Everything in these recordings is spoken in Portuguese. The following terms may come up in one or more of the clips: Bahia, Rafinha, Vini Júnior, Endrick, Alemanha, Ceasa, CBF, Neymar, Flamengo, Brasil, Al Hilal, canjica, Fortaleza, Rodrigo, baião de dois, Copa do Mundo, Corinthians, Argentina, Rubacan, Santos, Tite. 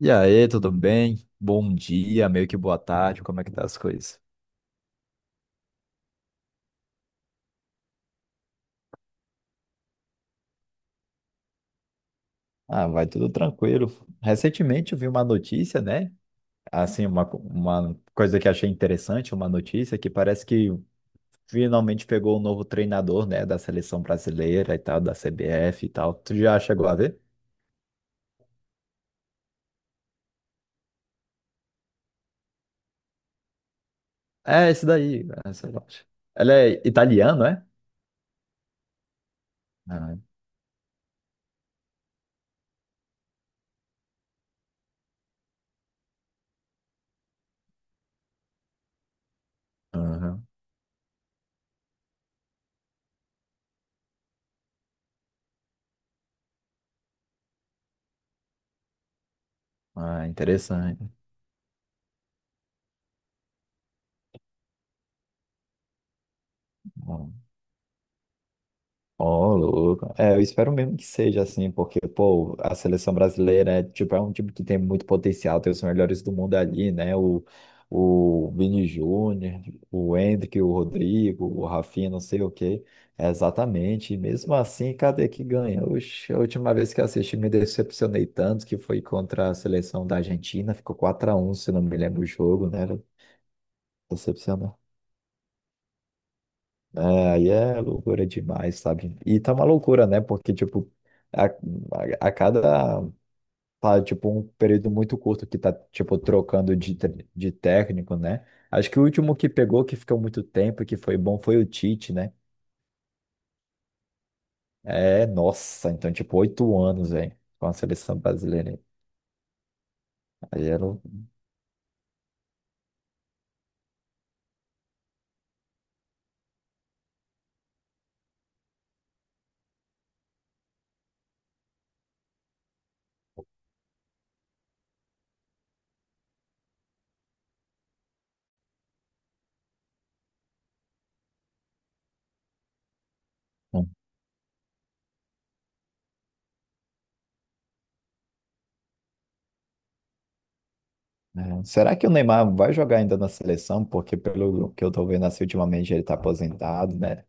E aí, tudo bem? Bom dia, meio que boa tarde, como é que tá as coisas? Ah, vai tudo tranquilo. Recentemente eu vi uma notícia, né? Assim, uma coisa que achei interessante, uma notícia que parece que finalmente pegou o novo treinador, né? Da seleção brasileira e tal, da CBF e tal. Tu já chegou a ver? É, esse daí, essa loja. Ela é italiano, é? Ah, aham. Ah, interessante. Ó, louco. É, eu espero mesmo que seja assim, porque, pô, a seleção brasileira é, tipo, é um time que tem muito potencial, tem os melhores do mundo ali, né? O Vini Júnior, o Endrick, o Rodrigo, o Rafinha, não sei o quê. É, exatamente. E mesmo assim, cadê que ganha? Oxe, a última vez que eu assisti, me decepcionei tanto que foi contra a seleção da Argentina, ficou quatro a um, se não me lembro o jogo, né? Era Aí é loucura demais, sabe? E tá uma loucura, né? Porque, tipo, a, a, a cada. Tá, tipo, um período muito curto que tá, tipo, trocando de técnico, né? Acho que o último que pegou, que ficou muito tempo e que foi bom, foi o Tite, né? É, nossa, então, tipo, oito anos, velho, com a seleção brasileira. Aí era. o- É. Será que o Neymar vai jogar ainda na seleção? Porque, pelo que eu tô vendo assim, ultimamente ele tá aposentado, né?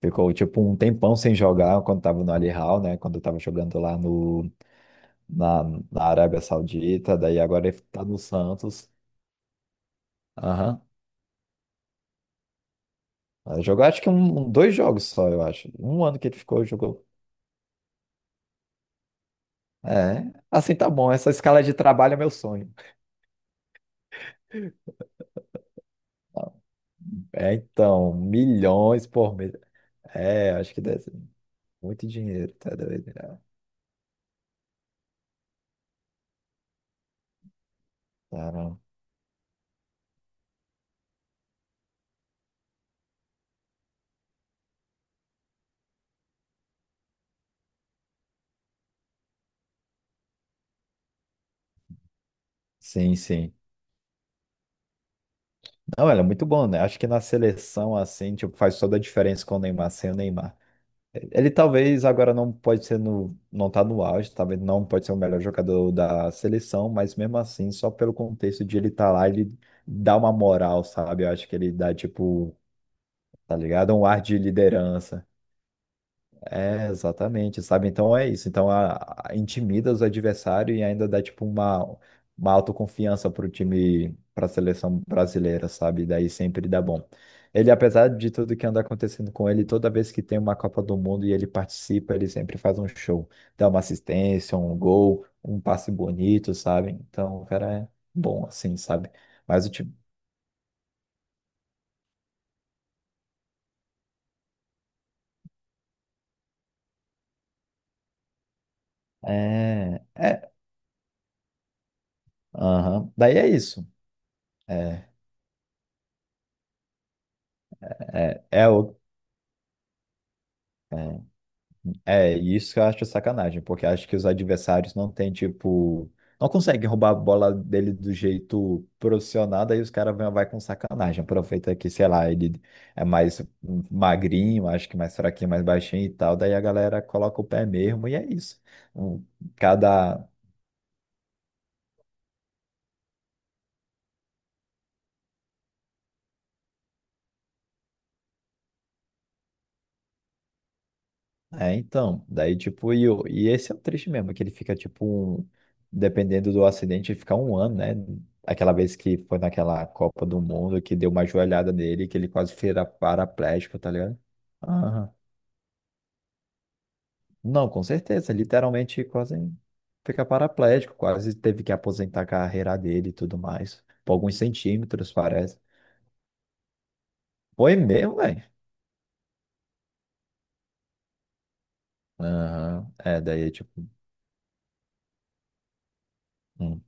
Ficou tipo um tempão sem jogar quando tava no Al Hilal, né? Quando eu tava jogando lá no, na, na Arábia Saudita, daí agora ele tá no Santos. Aham. Jogou acho que dois jogos só, eu acho. Um ano que ele ficou, jogou. É, assim tá bom. Essa escala de trabalho é meu sonho. É, então, milhões por mês. É, acho que deve ser muito dinheiro, tá doido? Né? Caramba. Sim, sim. Não, ela é muito bom, né? Acho que na seleção, assim, tipo, faz toda a diferença com o Neymar, sem o Neymar. Ele talvez agora não pode ser não tá no auge, talvez não pode ser o melhor jogador da seleção, mas mesmo assim, só pelo contexto de ele estar lá, ele dá uma moral, sabe? Eu acho que ele dá tipo, tá ligado? Um ar de liderança. É, exatamente, sabe? Então é isso. Então intimida os adversários e ainda dá tipo uma autoconfiança pro time, pra seleção brasileira, sabe? Daí sempre dá bom. Ele, apesar de tudo que anda acontecendo com ele, toda vez que tem uma Copa do Mundo e ele participa, ele sempre faz um show. Dá uma assistência, um gol, um passe bonito, sabe? Então o cara é bom assim, sabe? Mas o time. É. É. Aham. Daí é isso. É. É é o. é. É, e isso eu acho sacanagem, porque acho que os adversários não têm, tipo, não conseguem roubar a bola dele do jeito profissional, daí os caras vão vai com sacanagem. Aproveita que, sei lá, ele é mais magrinho, acho que mais fraquinho, mais baixinho e tal, daí a galera coloca o pé mesmo e é isso. Um- cada É, então, daí tipo, e esse é o triste mesmo, que ele fica tipo, dependendo do acidente, ele fica um ano, né? Aquela vez que foi naquela Copa do Mundo que deu uma joelhada nele, que ele quase vira paraplégico, tá ligado? Aham. Não, com certeza, literalmente quase fica paraplégico, quase teve que aposentar a carreira dele e tudo mais, por alguns centímetros, parece. Foi mesmo, velho? Aham, é, daí tipo, hum,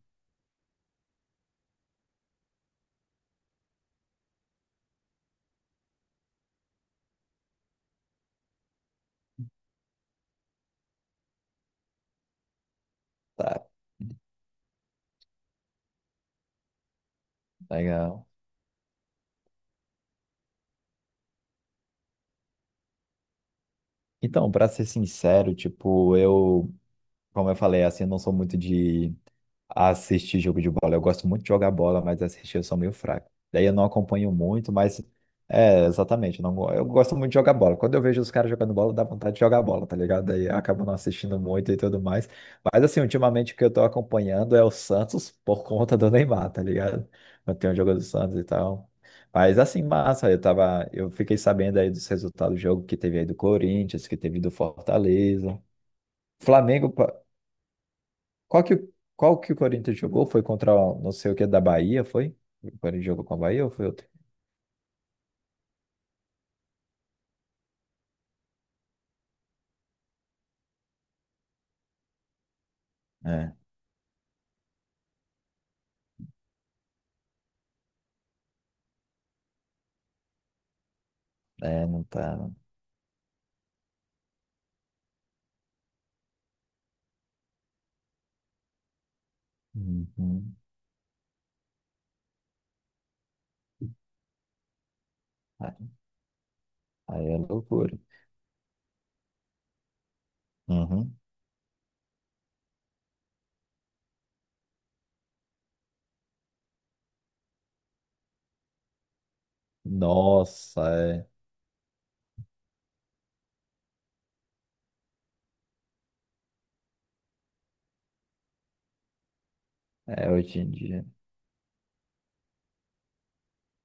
tá, legal. Então, pra ser sincero, tipo, eu como eu falei, assim, eu não sou muito de assistir jogo de bola. Eu gosto muito de jogar bola, mas assistir eu sou meio fraco. Daí eu não acompanho muito, mas é, exatamente. Eu Não, go- Eu gosto muito de jogar bola. Quando eu vejo os caras jogando bola, dá vontade de jogar bola, tá ligado? Daí eu acabo não assistindo muito e tudo mais. Mas assim, ultimamente o que eu tô acompanhando é o Santos por conta do Neymar, tá ligado? Eu tenho o jogo do Santos e tal. Mas assim, massa, eu fiquei sabendo aí dos resultados do jogo que teve aí do Corinthians, que teve do Fortaleza. Flamengo. Qual que, qual que o Corinthians jogou? Foi contra não sei o que da Bahia, foi? O Corinthians jogou com a Bahia ou foi outro? É, não tá. Não. Uhum. Aí aí é loucura. Uhum. Nossa, é. É, hoje em dia.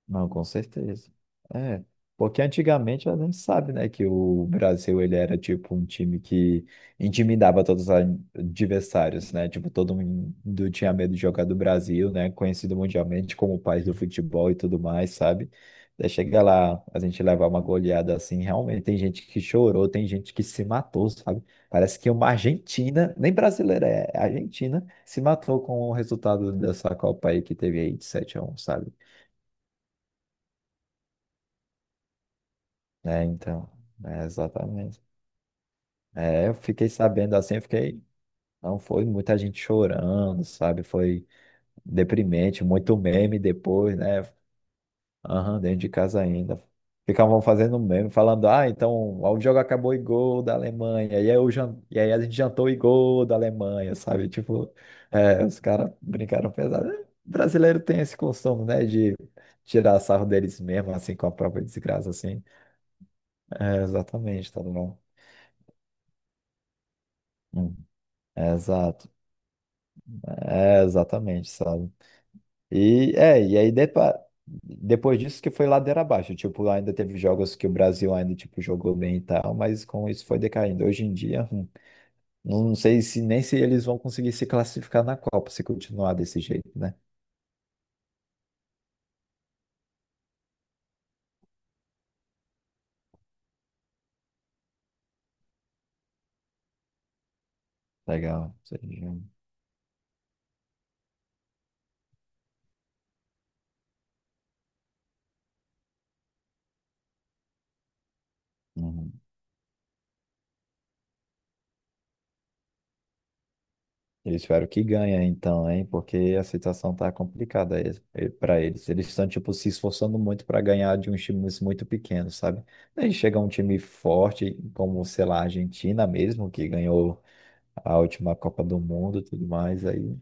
Não, com certeza. É, porque antigamente a gente sabe, né, que o Brasil ele era tipo um time que intimidava todos os adversários, né? Tipo, todo mundo tinha medo de jogar do Brasil, né? Conhecido mundialmente como o país do futebol e tudo mais, sabe? Daí chega lá, a gente levar uma goleada assim, realmente tem gente que chorou, tem gente que se matou, sabe? Parece que uma Argentina, nem brasileira é, Argentina, se matou com o resultado dessa Copa aí que teve aí de 7 a um, sabe? É, então, é, exatamente. É, eu fiquei sabendo assim, eu fiquei. Não, foi muita gente chorando, sabe? Foi deprimente, muito meme depois, né? Aham, dentro de casa ainda. Ficavam fazendo meme, falando, ah, então o jogo acabou e gol da Alemanha. E aí, eu jan... e aí a gente jantou e gol da Alemanha, sabe? Tipo, é, os caras brincaram pesado. É, brasileiro tem esse costume, né? De tirar sarro deles mesmo, assim, com a própria desgraça, assim. É, exatamente, tá bom. Hum. É, exato. É, exatamente, sabe? E aí depois disso que foi ladeira abaixo. Tipo, ainda teve jogos que o Brasil ainda, tipo, jogou bem e tal, mas com isso foi decaindo. Hoje em dia, não sei se nem se eles vão conseguir se classificar na Copa se continuar desse jeito, né? Legal. Uhum. Eu espero que ganhe, então, hein? Porque a situação tá complicada para eles. Eles estão, tipo, se esforçando muito para ganhar de uns times muito pequenos, sabe? Daí chega um time forte, como, sei lá, a Argentina mesmo, que ganhou a última Copa do Mundo e tudo mais, aí.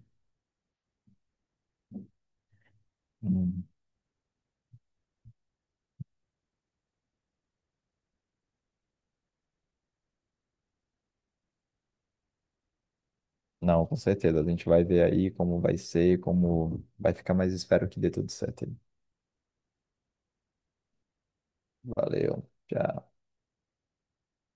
hum, Não, com certeza. A gente vai ver aí como vai ser, como vai ficar, mas espero que dê tudo certo aí. Valeu. Tchau.